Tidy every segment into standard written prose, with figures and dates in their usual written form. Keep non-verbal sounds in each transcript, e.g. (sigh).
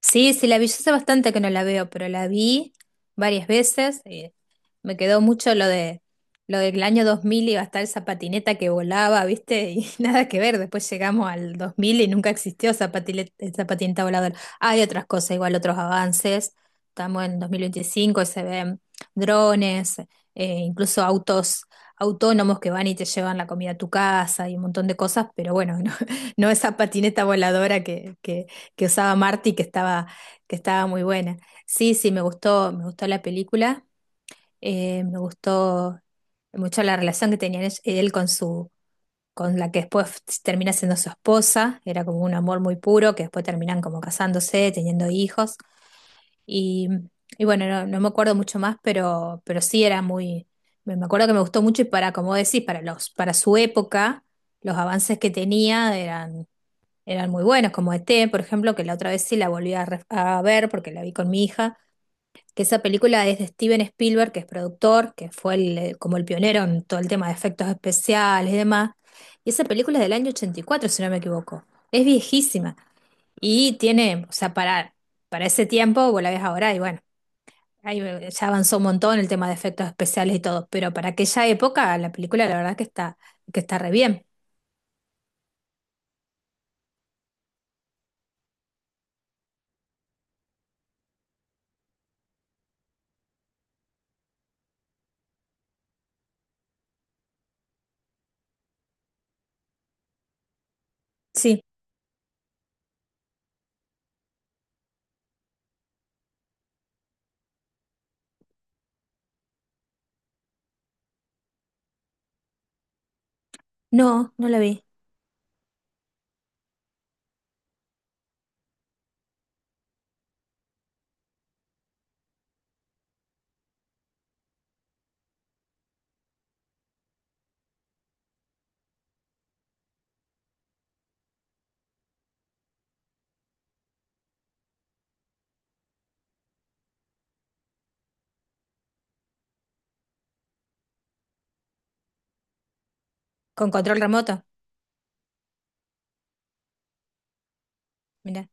Sí, sí, la vi. Yo hace bastante que no la veo, pero la vi varias veces. Me quedó mucho lo de lo del año 2000. Iba a estar esa patineta que volaba, ¿viste? Y (laughs) nada que ver. Después llegamos al 2000 y nunca existió esa esa patineta voladora. Hay otras cosas, igual otros avances. Estamos en 2025 y se ven drones, incluso autos autónomos que van y te llevan la comida a tu casa y un montón de cosas, pero bueno, (laughs) no, no esa patineta voladora que usaba Marty, que estaba muy buena. Sí, sí, me gustó, la película, me gustó mucho la relación que tenía él con con la que después termina siendo su esposa. Era como un amor muy puro, que después terminan como casándose, teniendo hijos, y, y bueno, no, no me acuerdo mucho más, pero sí era muy, me acuerdo que me gustó mucho. Y para, como decís, para para su época, los avances que tenía eran muy buenos, como ET, por ejemplo, que la otra vez sí la volví a ver porque la vi con mi hija, que esa película es de Steven Spielberg, que es productor, que fue como el pionero en todo el tema de efectos especiales y demás. Y esa película es del año 84, si no me equivoco. Es viejísima y tiene, o sea, para ese tiempo, vos la ves ahora y bueno, ahí ya avanzó un montón el tema de efectos especiales y todo, pero para aquella época la película la verdad que que está re bien. Sí, no, no la vi. Con control remoto, mira.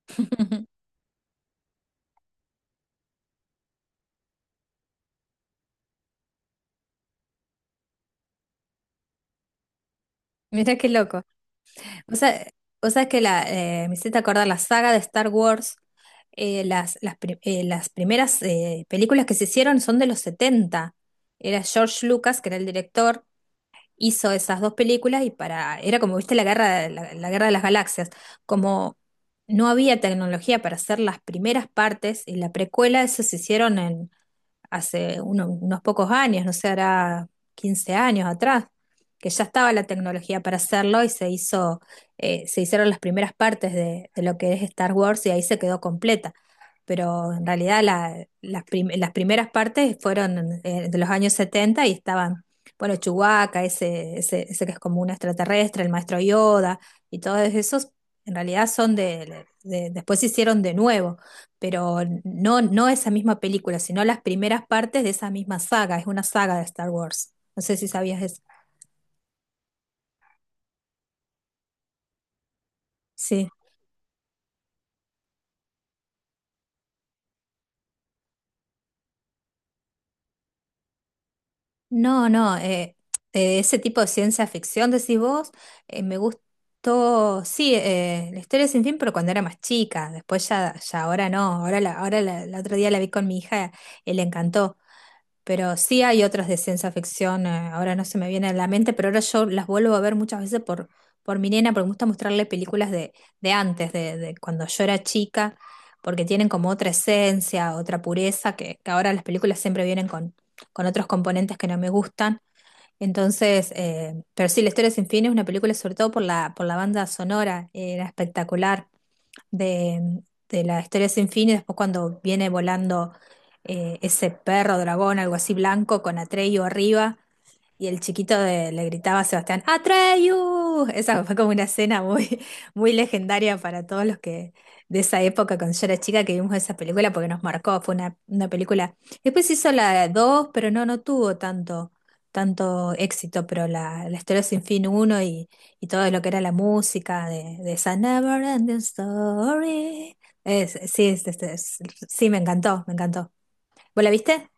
(laughs) Mira qué loco. O sea, que me hiciste acordar la saga de Star Wars, las primeras películas que se hicieron son de los setenta. Era George Lucas, que era el director, hizo esas dos películas y para, era como, viste, la, la guerra de las galaxias. Como no había tecnología para hacer las primeras partes y la precuela, eso se hicieron hace unos pocos años, no sé, hará 15 años atrás, que ya estaba la tecnología para hacerlo y se hizo, se hicieron las primeras partes de lo que es Star Wars, y ahí se quedó completa. Pero en realidad las primeras partes fueron de los años 70 y estaban, bueno, Chewbacca, ese que es como un extraterrestre, el maestro Yoda y todos esos, en realidad son después se hicieron de nuevo, pero no, no esa misma película, sino las primeras partes de esa misma saga. Es una saga de Star Wars. No sé si sabías eso. Sí. No, no. Ese tipo de ciencia ficción, decís vos, me gustó. Sí, la historia sin fin, pero cuando era más chica. Después ya, ya ahora no. Ahora, ahora la otro día la vi con mi hija y le encantó. Pero sí hay otras de ciencia ficción, ahora no se me viene a la mente, pero ahora yo las vuelvo a ver muchas veces por mi nena, porque me gusta mostrarle películas de antes, de cuando yo era chica, porque tienen como otra esencia, otra pureza, que ahora las películas siempre vienen con otros componentes que no me gustan. Entonces, pero sí, La Historia Sin Fin es una película sobre todo por por la banda sonora. Era espectacular de, de La Historia Sin Fin. Y después cuando viene volando ese perro dragón, algo así blanco, con Atreyu arriba, y el chiquito le gritaba a Sebastián, ¡Atreyu! Esa fue como una escena muy, (laughs) muy legendaria para todos los que de esa época, cuando yo era chica, que vimos esa película, porque nos marcó, fue una película. Después hizo la dos, pero no, no tuvo tanto, tanto éxito, pero La Historia Sin Fin uno, y todo lo que era la música de esa Never Ending Story. Es- sí, es- es- es- sí, me encantó, me encantó. ¿Vos la viste?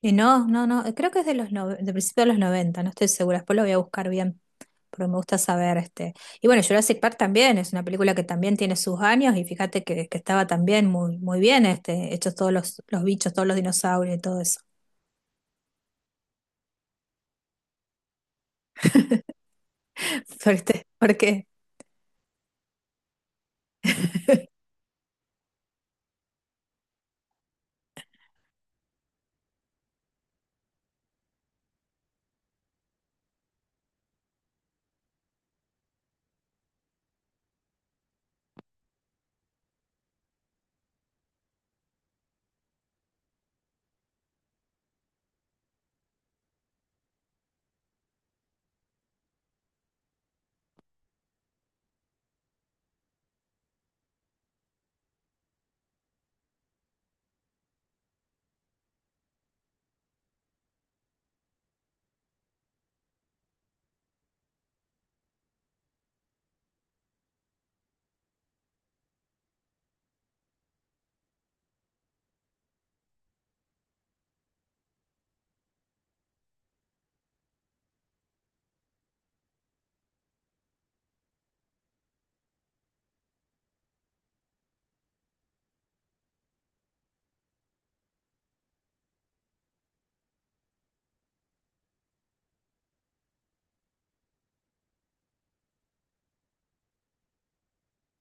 Y no, no, no, creo que es de de principios de los noventa, no estoy segura, después lo voy a buscar bien, porque me gusta saber este. Y bueno, Jurassic Park también es una película que también tiene sus años, y fíjate que estaba también muy, muy bien este, hechos todos los bichos, todos los dinosaurios y todo eso. (laughs) Fuerte, porque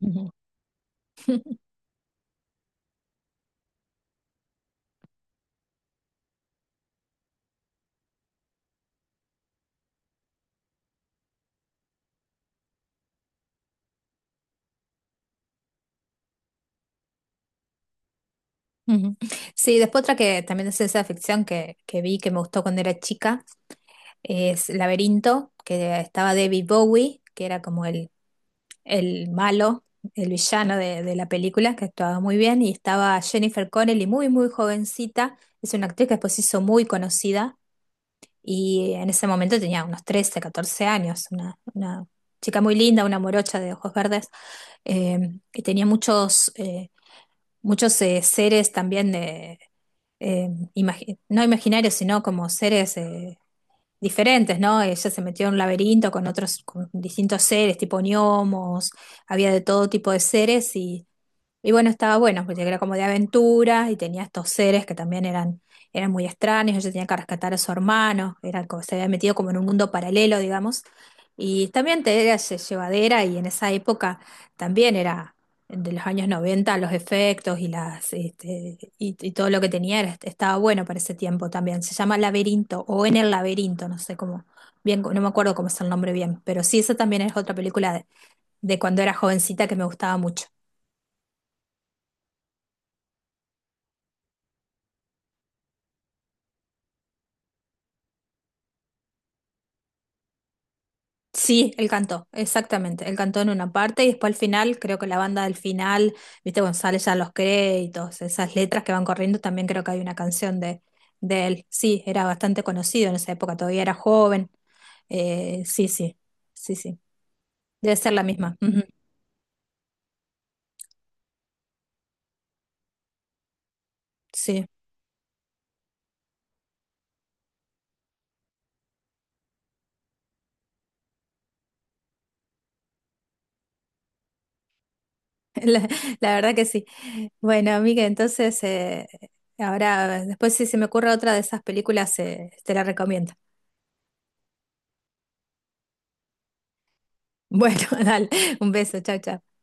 ujú. Ujú. Sí, después otra que también es ciencia ficción que vi, que me gustó cuando era chica, es Laberinto, que estaba David Bowie, que era como el malo, el villano de la película, que actuaba muy bien. Y estaba Jennifer Connelly, muy, muy jovencita, es una actriz que después se hizo muy conocida, y en ese momento tenía unos 13, 14 años, una chica muy linda, una morocha de ojos verdes, eh, y tenía muchos seres también de... eh, no imaginarios, sino como seres diferentes, ¿no? Ella se metió en un laberinto con otros, con distintos seres, tipo gnomos, había de todo tipo de seres. Y bueno, estaba bueno, porque era como de aventuras y tenía estos seres que también eran muy extraños. Ella tenía que rescatar a su hermano, era como, se había metido como en un mundo paralelo, digamos. Y también te era llevadera, y en esa época también era de los años noventa. Los efectos y las este, y todo lo que tenía estaba bueno para ese tiempo también. Se llama Laberinto o En el Laberinto, no sé cómo, bien, no me acuerdo cómo es el nombre bien, pero sí, esa también es otra película de cuando era jovencita que me gustaba mucho. Sí, él cantó, exactamente. Él cantó en una parte y después al final, creo que la banda del final, viste, González ya los créditos, esas letras que van corriendo, también creo que hay una canción de él. Sí, era bastante conocido en esa época, todavía era joven. Sí, sí, sí, sí. Debe ser la misma. Ujú. Sí, (laughs) la, la verdad que sí. Bueno, amiga, entonces, ahora, después si se me ocurre otra de esas películas, te la recomiendo. Bueno, (laughs) dale, un beso, chao, chao.